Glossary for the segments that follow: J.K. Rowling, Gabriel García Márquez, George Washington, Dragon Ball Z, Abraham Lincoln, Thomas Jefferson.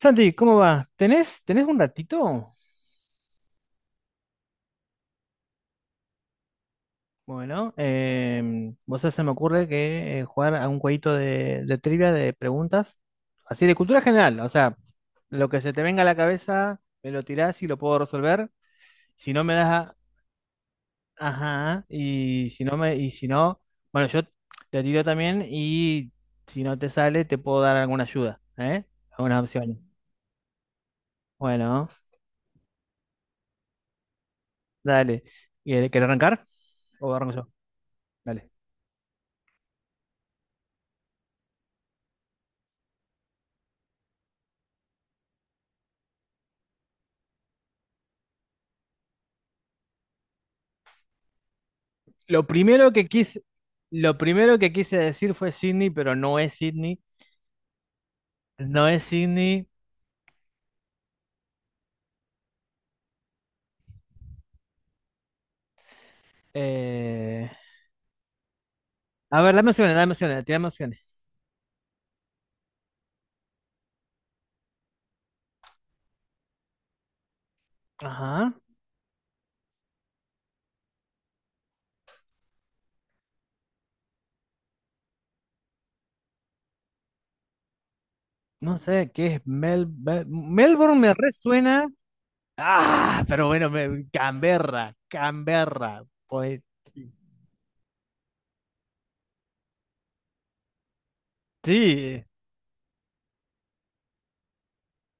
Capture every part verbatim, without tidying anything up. Santi, ¿cómo va? ¿Tenés, tenés un ratito? Bueno, em, vos sabés, se me ocurre que eh, jugar a un jueguito de, de trivia de preguntas, así de cultura general, o sea, lo que se te venga a la cabeza, me lo tirás y lo puedo resolver. Si no me das, a- ajá, y si no me, y si no, bueno, yo te tiro también y si no te sale, te puedo dar alguna ayuda, ¿eh? Algunas opciones. Bueno, dale. ¿Y, eh, ¿Querés arrancar? ¿O arranco yo? Dale. Lo primero que quise, lo primero que quise decir fue Sydney, pero no es Sydney. No es Sydney. eh, A ver, dame opciones, dame opciones, tirame opciones. Ajá. No sé qué es Mel... Mel- Melbourne me resuena. Ah, pero bueno, me- Canberra, Canberra. Pues sí,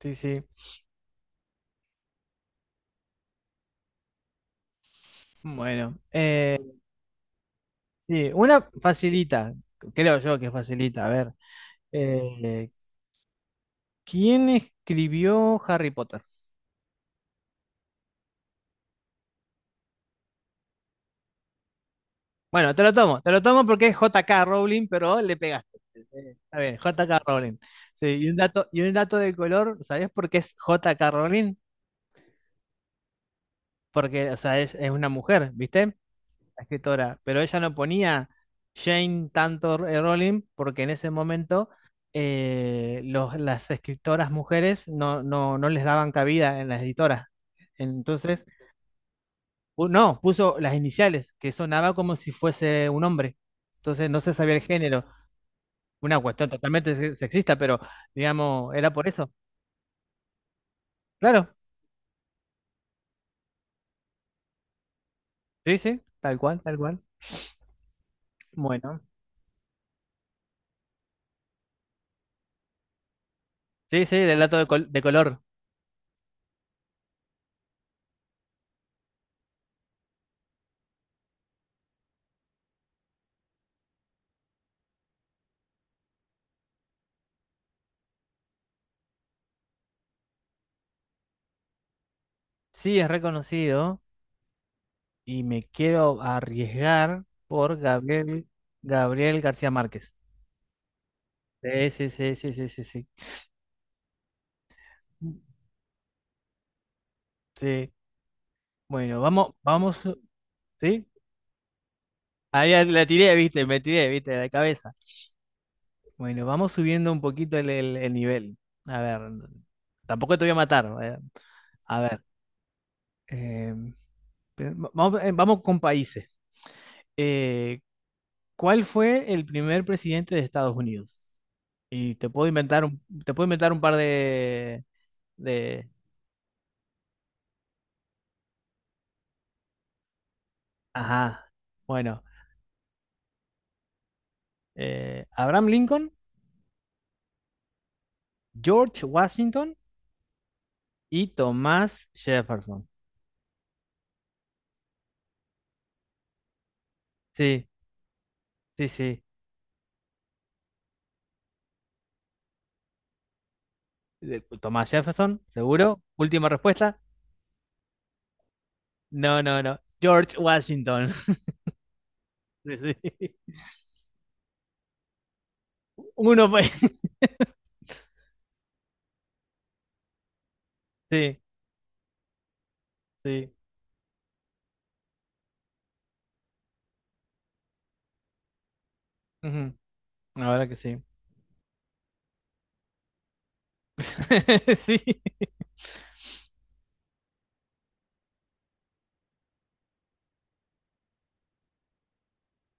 sí, sí. Bueno, eh, sí, una facilita, creo yo que facilita. A ver, eh, ¿quién escribió Harry Potter? Bueno, te lo tomo, te lo tomo porque es J K. Rowling, pero le pegaste. Eh, Está bien, J K. Rowling. Sí, y un dato, y un dato de color, ¿sabés por qué es J K. Rowling? Porque, o sea, es, es una mujer, ¿viste? La escritora. Pero ella no ponía Jane tanto eh, Rowling porque en ese momento eh, los, las escritoras mujeres no, no, no les daban cabida en las editoras. Entonces, pu- no, puso las iniciales, que sonaba como si fuese un hombre. Entonces no se sabía el género. Una cuestión totalmente se- sexista, pero digamos, era por eso. Claro, sí, sí, tal cual, tal cual. Bueno, sí, sí, del dato de, col- de color. Sí, es reconocido y me quiero arriesgar por Gabriel, Gabriel García Márquez. Sí, sí, sí, sí, sí, sí, sí. Sí, bueno, vamos, vamos, ¿sí? Ahí la tiré, viste, me tiré, viste, de la cabeza. Bueno, vamos subiendo un poquito el, el- el nivel. A ver, tampoco te voy a matar. eh. A ver. eh, Pe- Vamos, eh, vamos con países. Eh, ¿Cuál fue el primer presidente de Estados Unidos? Y te puedo inventar un, te puedo inventar un par de, de, ajá. Bueno, eh, Abraham Lincoln, George Washington y Thomas Jefferson. Sí, sí, sí. De- Thomas Jefferson, seguro. Última respuesta. No, no, no. George Washington. Sí, sí. Uno fue. Sí, sí. Ujú. Ahora que sí. Sí.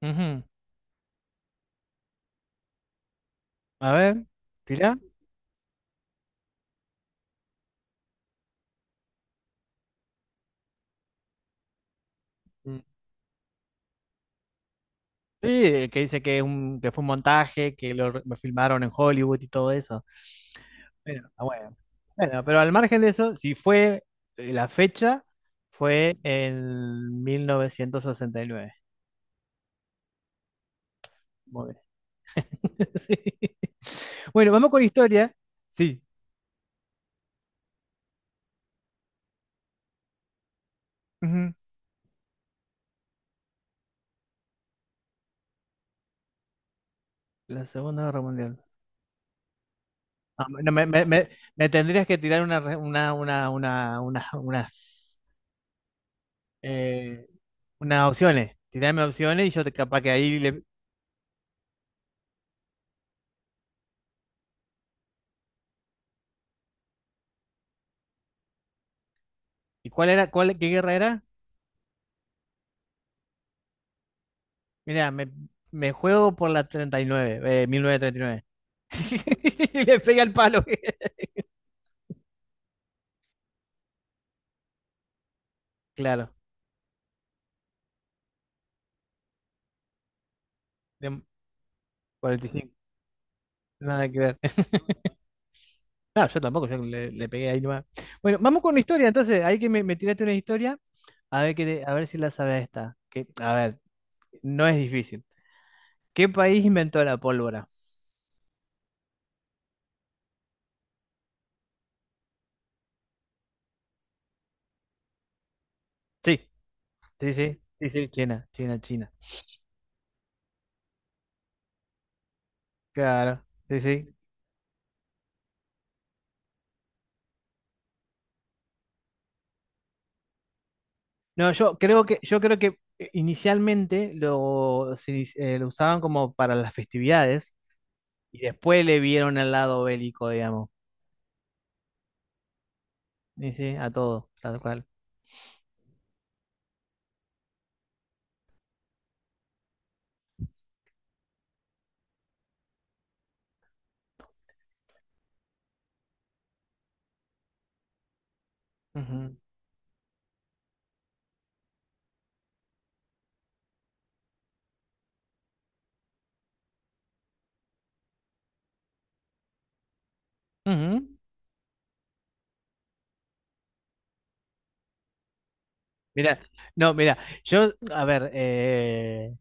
Ujú. A ver, tira. Mm. Sí, que dice que, es un, que fue un montaje, que lo, re- lo filmaron en Hollywood y todo eso. Bueno, está bueno. Bueno, pero al margen de eso, si fue eh, la fecha, fue en mil novecientos sesenta y nueve. Muy bien. Sí. Bueno, vamos con historia. Sí. Ujú. La Segunda Guerra Mundial. Ah, no, me, me- me- me tendrías que tirar una, re- una, una, una, una- unas, eh, unas opciones. Tirarme opciones y yo te- capaz que ahí le, ¿Y cuál era, cuál, qué guerra era? Mira, me, me juego por la treinta y nueve, eh, mil novecientos treinta y nueve. Y le pega el palo. Claro, de cuarenta y cinco. Nada que ver. No, yo tampoco, yo le, le pegué ahí nomás. Bueno, vamos con una historia, entonces, ahí que me, me tiraste una historia, a ver, que, te- a ver si la sabes esta. Que, a ver, no es difícil. ¿Qué país inventó la pólvora? Sí, sí, sí, sí, sí, China, China, China. Claro, sí, sí. No, yo creo que, yo creo que eh, inicialmente lo, se inici- eh, lo usaban como para las festividades y después le vieron el lado bélico, digamos. Y sí, a todo, tal cual. Ujú. Ujú. Mira, no, mira, yo, a ver, eh,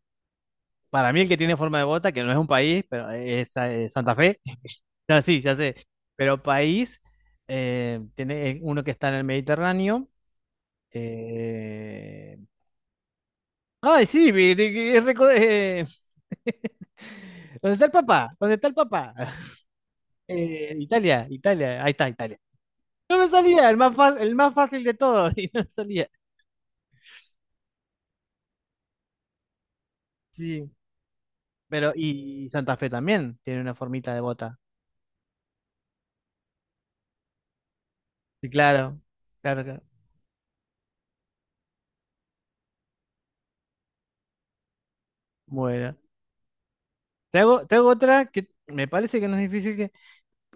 para mí el que tiene forma de bota, que no es un país, pero es, eh, Santa Fe, no, sí, ya sé, pero país, eh, tiene uno que está en el Mediterráneo. eh, Ay, sí, vi- vi- vi- reco- eh, ¿Dónde está el papá? ¿Dónde está el papá? Eh, Italia, Italia, ahí está Italia. No me salía, el más, fa- el más fácil de todos, y no me salía. Sí, pero y Santa Fe también tiene una formita de bota. Sí, claro, claro, claro. Bueno, te hago, te hago otra que me parece que no es difícil, que,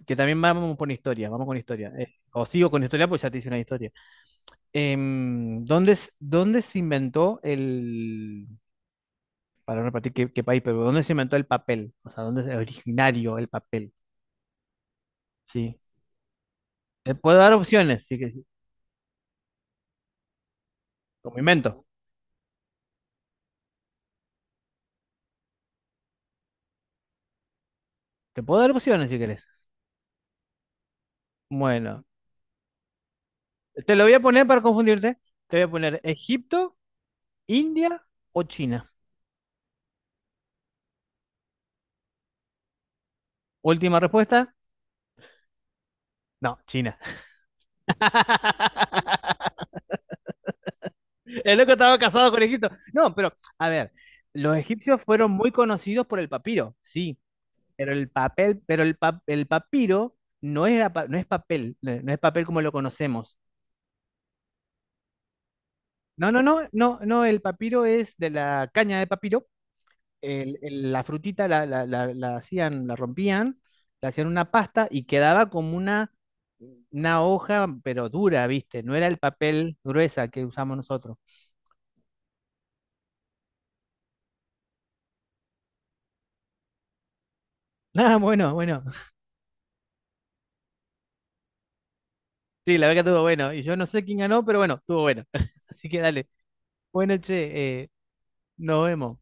que también vamos con historia, vamos con historia. Eh, o sigo con historia, pues ya te hice una historia. Em, ¿dónde, s- dónde se inventó el, Para repartir qué, qué país, pero ¿dónde se inventó el papel? O sea, ¿dónde es originario el papel? Sí. Te puedo dar opciones, sí que sí. Como invento. Te puedo dar opciones si querés. Bueno, te lo voy a poner para confundirte. Te voy a poner Egipto, India o China. Última respuesta. No, China. El loco estaba casado con Egipto. No, pero, a ver, los egipcios fueron muy conocidos por el papiro, sí, pero el papel, pero el, pa- el papiro no era pa- no es papel, no no es papel como lo conocemos. No, no, no, no, no, el papiro es de la caña de papiro. El- el- la frutita la, la, la, la hacían, la rompían, la hacían una pasta y quedaba como una, una hoja, pero dura, ¿viste? No era el papel gruesa que usamos nosotros. Ah, bueno, bueno. Sí, la verdad que estuvo bueno. Y yo no sé quién ganó, pero bueno, estuvo bueno. Así que dale. Bueno, che, eh, nos vemos.